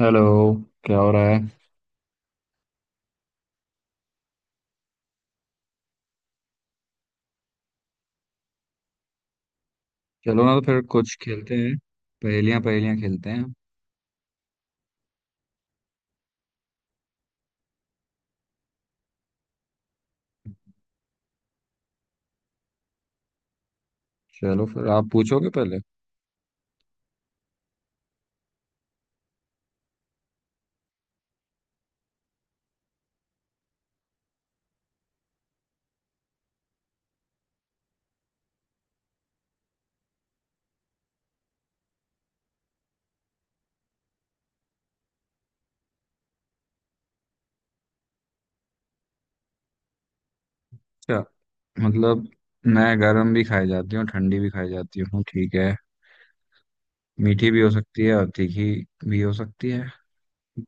Hello. क्या हो रहा है। चलो ना तो फिर कुछ खेलते हैं। पहेलियां पहेलियां खेलते हैं। चलो फिर आप पूछोगे पहले। अच्छा, मतलब मैं गर्म भी खाई जाती हूँ, ठंडी भी खाई जाती हूँ, ठीक है। मीठी भी हो सकती है और तीखी भी हो सकती है।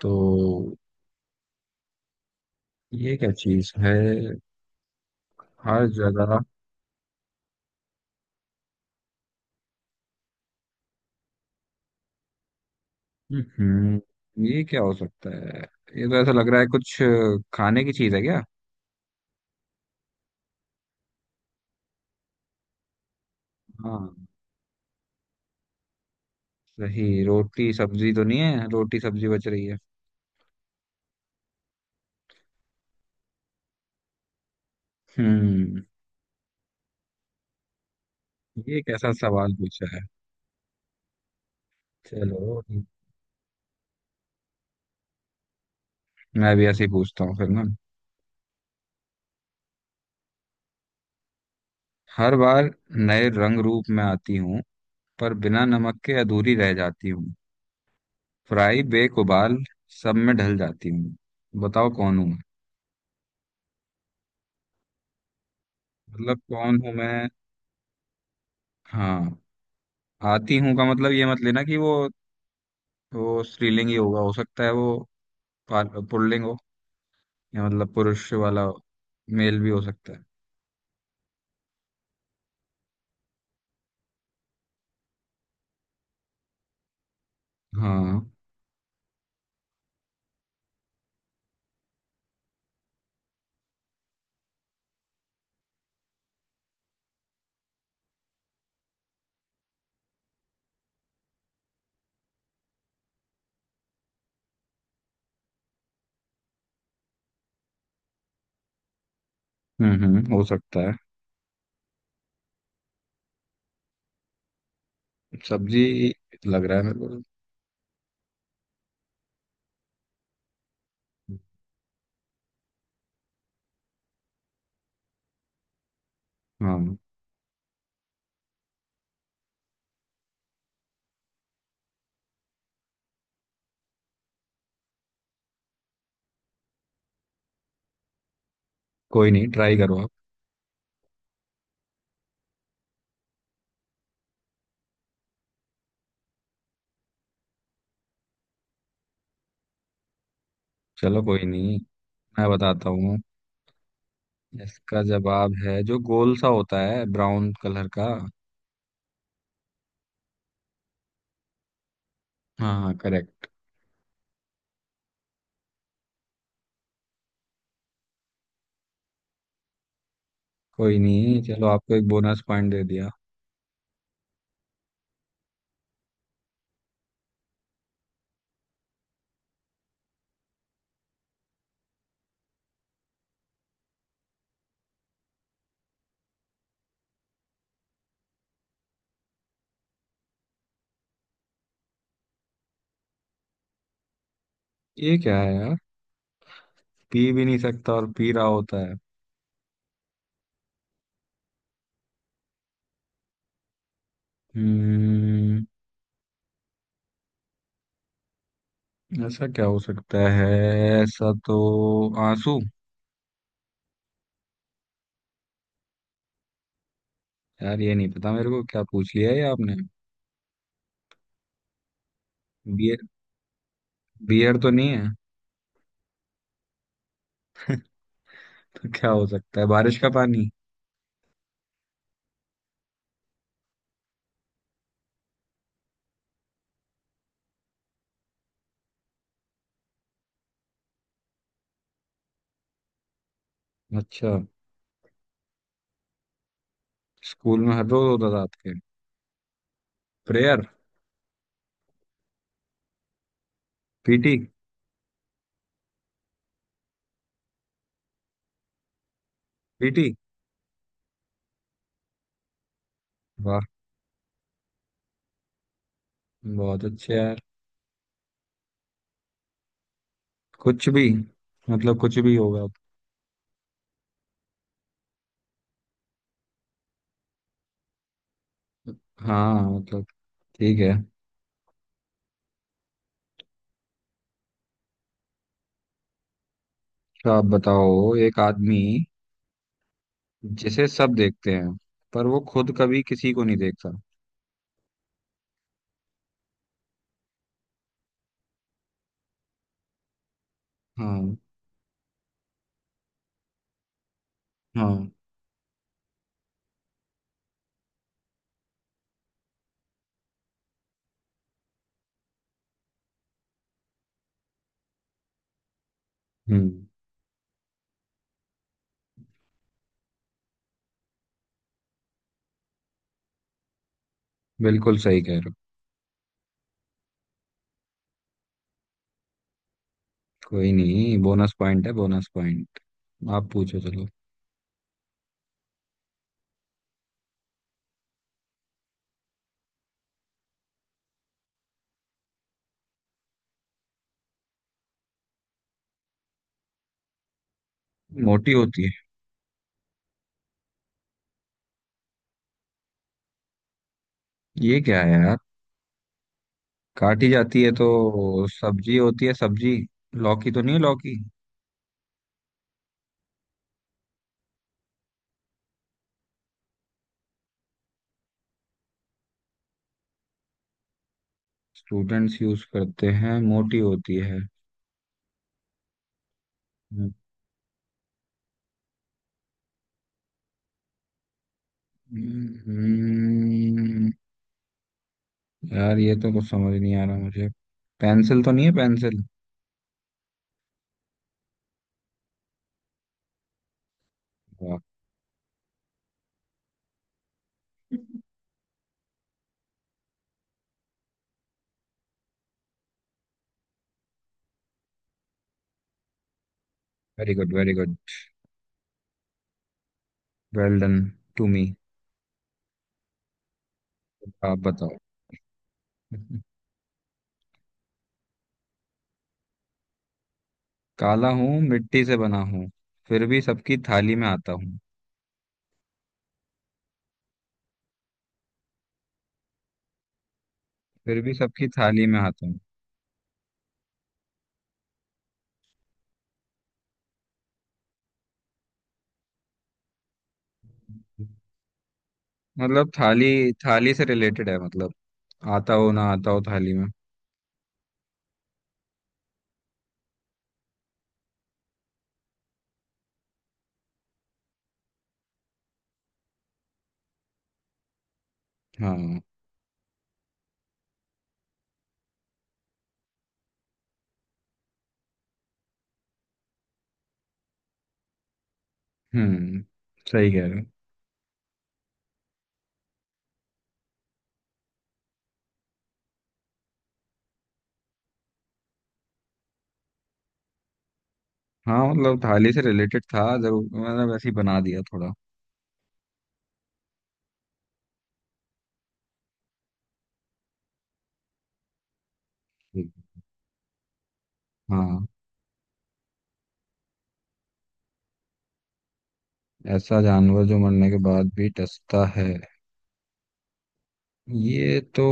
तो ये क्या चीज़ है। हर जगह। हम्म। ये क्या हो सकता है। ये तो ऐसा लग रहा है कुछ खाने की चीज़ है क्या। हाँ, सही। रोटी सब्जी तो नहीं है, रोटी सब्जी बच रही है। हम्म। ये कैसा सवाल पूछा है। चलो ठीक। मैं भी ऐसे ही पूछता हूँ फिर ना। हर बार नए रंग रूप में आती हूँ, पर बिना नमक के अधूरी रह जाती हूँ। फ्राई, बेक, उबाल, सब में ढल जाती हूँ। बताओ कौन हूँ मैं। मतलब, कौन हूँ मैं। हाँ, आती हूँ का मतलब ये मत लेना कि वो स्त्रीलिंग ही होगा। हो सकता है वो पुल्लिंग हो, या मतलब पुरुष वाला। मेल भी हो सकता है। हाँ। हम्म, हो सकता है। सब्जी लग रहा है मेरे को। हाँ। कोई नहीं, ट्राई करो आप। चलो कोई नहीं, मैं बताता हूँ। इसका जवाब है जो गोल सा होता है, ब्राउन कलर का। हाँ हाँ, करेक्ट। कोई नहीं, चलो आपको एक बोनस पॉइंट दे दिया। ये क्या है यार। पी भी नहीं सकता और पी रहा होता है। हम्म। ऐसा क्या हो सकता है। ऐसा तो। आंसू। यार, ये नहीं पता मेरे को। क्या पूछ लिया है ये आपने। बियर। बियर तो नहीं है। तो क्या हो सकता है, बारिश का पानी। अच्छा, स्कूल में हर रोज होता था आपके। प्रेयर। पीटी। बीटी। वाह। बहुत अच्छे यार। कुछ भी, मतलब कुछ भी होगा। हाँ, मतलब ठीक है। तो आप बताओ, एक आदमी जिसे सब देखते हैं, पर वो खुद कभी किसी को नहीं देखता। हाँ। हाँ। हम्म। बिल्कुल सही कह रहे हो। कोई नहीं, बोनस पॉइंट है, बोनस पॉइंट। आप पूछो, चलो। मोटी होती है। ये क्या है यार। काटी जाती है तो सब्जी होती है, सब्जी। लौकी तो नहीं है, लौकी। स्टूडेंट्स यूज करते हैं, मोटी होती है। हम्म, यार ये तो कुछ समझ नहीं आ रहा मुझे। पेंसिल तो नहीं है, पेंसिल। वाह। Very good, very good. Well done to me. आप बताओ। काला हूँ, मिट्टी से बना हूँ, फिर भी सबकी थाली में आता हूँ। फिर भी सबकी थाली में आता हूँ। मतलब, थाली। थाली से रिलेटेड है मतलब। आता हो, ना आता हो थाली में। हाँ। हम्म, सही कह रहे हो। हाँ, मतलब थाली से रिलेटेड था जरूर। मैंने वैसे ही बना दिया थोड़ा। हाँ। ऐसा जानवर जो मरने के बाद भी डसता है। ये तो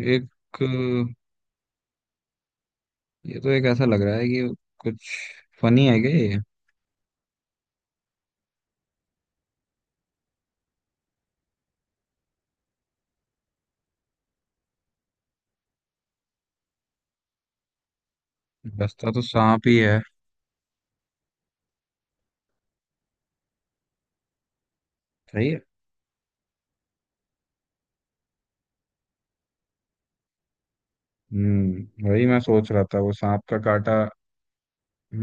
एक। ऐसा लग रहा है कि कुछ फनी है क्या ये। डसता तो सांप ही है। सही है। हम्म, वही मैं सोच रहा था। वो सांप का काटा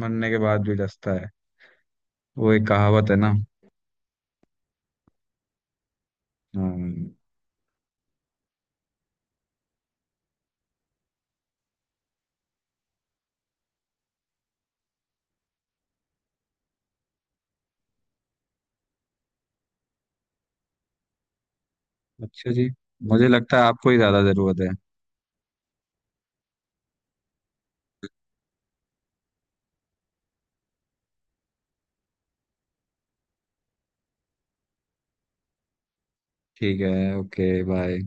मरने के बाद भी डसता है। वो एक कहावत है ना। हाँ। अच्छा जी, मुझे लगता है आपको ही ज्यादा जरूरत है। ठीक है। Okay, bye.